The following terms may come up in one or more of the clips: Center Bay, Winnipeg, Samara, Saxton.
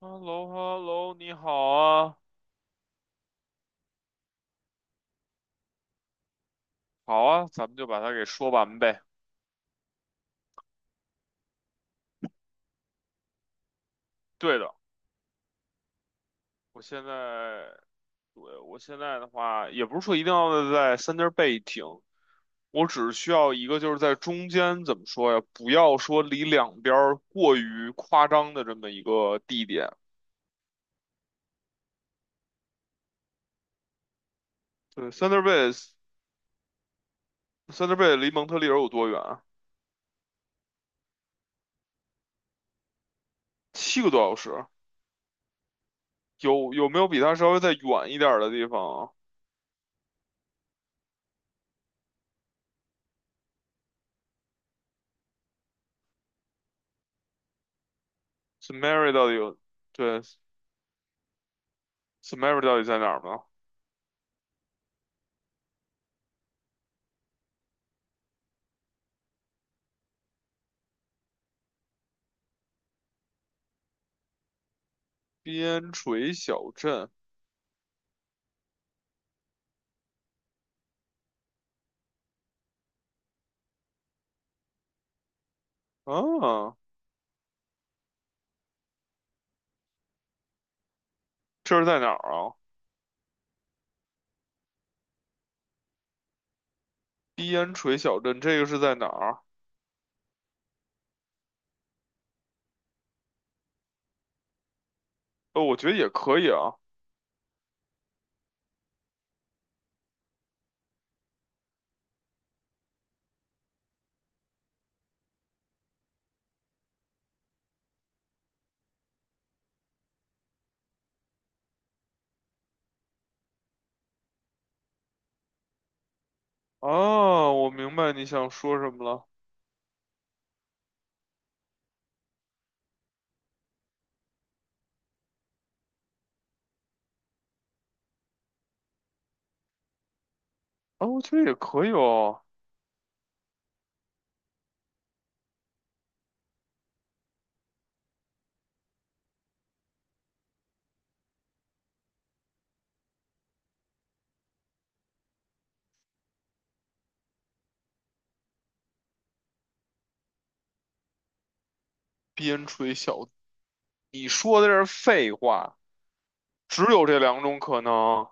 h e l l o h e l l o 你好啊，好啊，咱们就把它给说完呗。对的，我现在，对，我现在的话，也不是说一定要在 Center Bay 停，我只需要一个就是在中间，怎么说呀？不要说离两边儿过于夸张的这么一个地点。对，Thunder Bay，Thunder Bay 离蒙特利尔有多远啊？七个多小时。有没有比它稍微再远一点儿的地方啊？Samara 到底有？对，Samara 到底在哪儿呢？边陲小镇啊，这是在哪儿啊？边陲小镇，这个是在哪儿？哦，我觉得也可以啊。啊，我明白你想说什么了。啊，我觉得也可以哦。边陲小，你说的这是废话，只有这两种可能。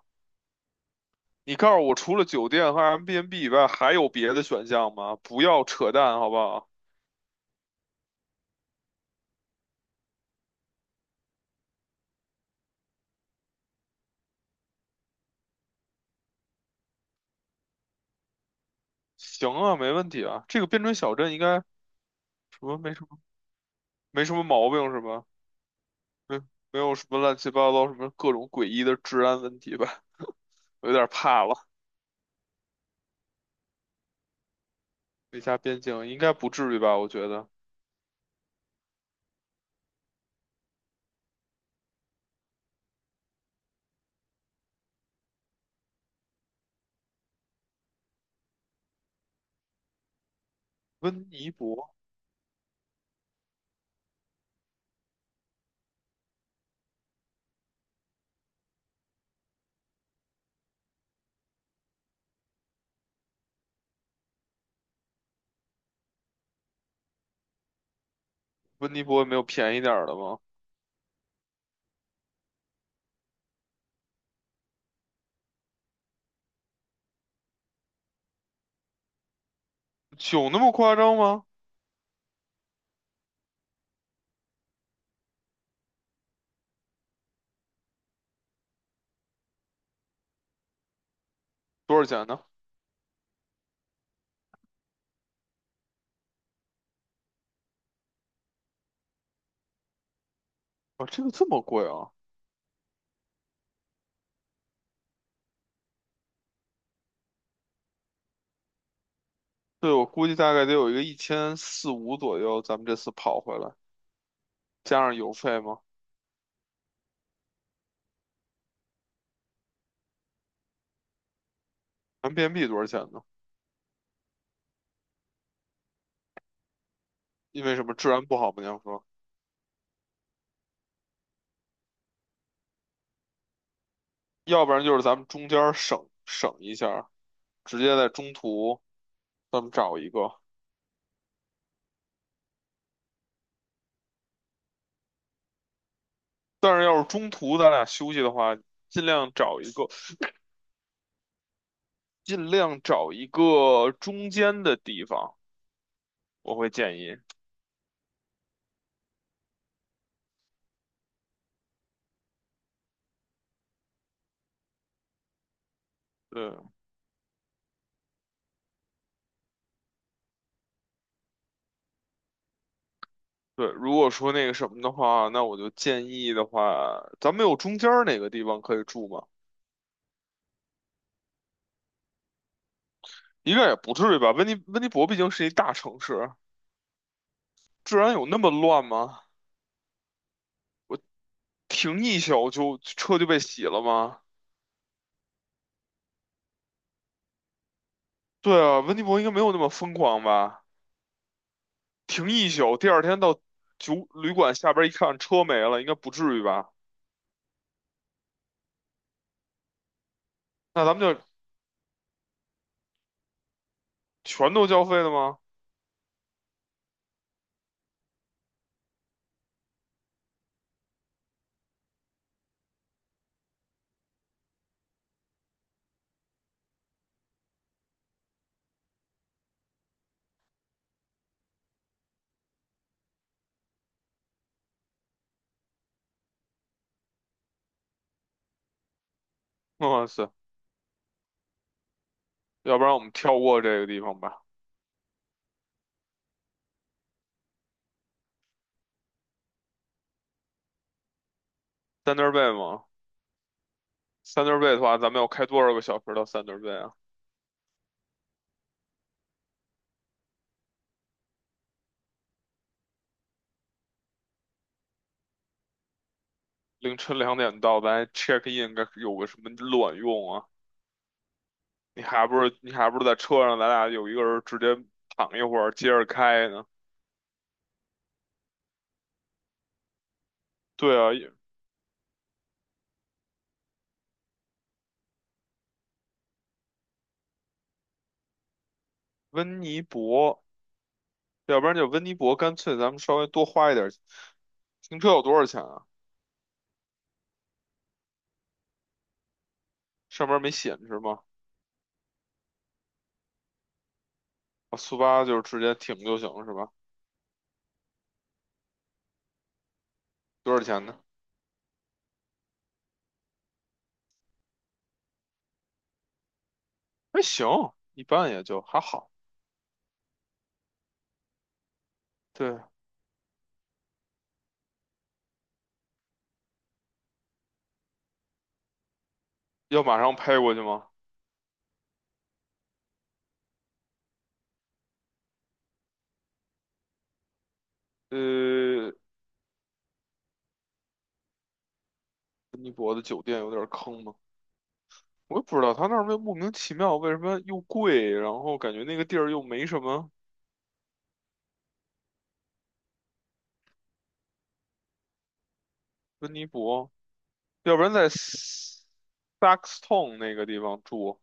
你告诉我，除了酒店和 MBNB 以外，还有别的选项吗？不要扯淡，好不好？行啊，没问题啊。这个边陲小镇应该什么没什么毛病是吧？没没有什么乱七八糟，什么各种诡异的治安问题吧，有点怕了。美加边境应该不至于吧？我觉得温尼伯，温尼伯也没有便宜点儿的吗？酒那么夸张吗？多少钱呢？啊，这个这么贵啊？对，我估计大概得有一个1400到1500左右，咱们这次跑回来加上邮费吗？咱们 b n b 多少钱呢？因为什么治安不好吗？你要说，要不然就是咱们中间儿省省一下儿直接在中途咱们找一个。但是要是中途咱俩休息的话，尽量找一个，尽量找一个中间的地方，我会建议。对对，如果说那个什么的话，那我就建议的话，咱们有中间儿哪个地方可以住吗？应该也不至于吧。温尼伯毕竟是一大城市，治安有那么乱吗？停一宿就车就被洗了吗？对啊，温尼伯应该没有那么疯狂吧？停一宿，第二天到酒旅馆下边一看车没了，应该不至于吧？那咱们就全都交费的吗？哇塞，要不然我们跳过这个地方吧。t h u n 吗 Thun 的话，咱们要开多少个小时到 t h u n 啊？凌晨2点到，咱 check in 该有个什么卵用啊？你还不如在车上，咱俩有一个人直接躺一会儿，接着开呢？对啊，也温尼伯，要不然就温尼伯，干脆咱们稍微多花一点儿。停车有多少钱啊？上面没显示吗？啊，速八就是直接停就行了是吧？多少钱呢？还行，一般也就还好。对，要马上拍过去吗？呃，温尼伯的酒店有点坑吗？我也不知道他那儿为莫名其妙为什么又贵，然后感觉那个地儿又没什么温尼伯，要不然在 Saxton 那个地方住，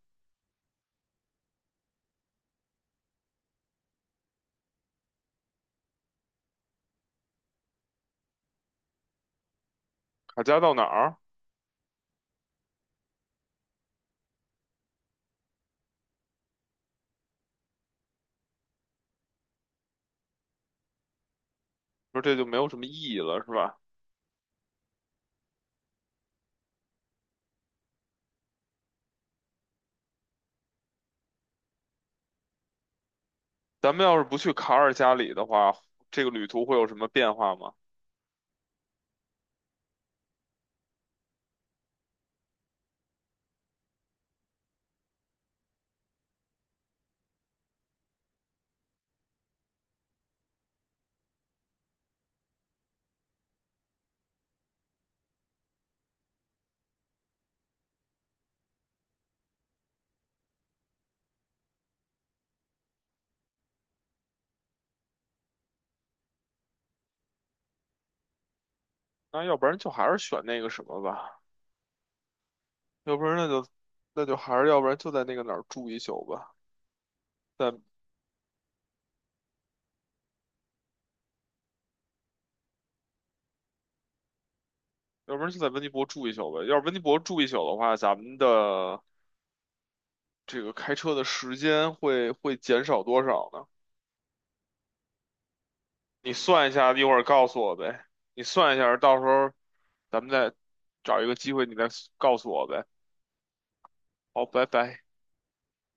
卡加到哪儿？说这就没有什么意义了，是吧？咱们要是不去卡尔加里的话，这个旅途会有什么变化吗？那要不然就还是选那个什么吧，要不然那就还是要不然就在那个哪儿住一宿吧，在要不然就在温尼伯住一宿呗。要是温尼伯住一宿的话，咱们的这个开车的时间会减少多少呢？你算一下，一会儿告诉我呗。你算一下，到时候咱们再找一个机会，你再告诉我呗。好，拜拜。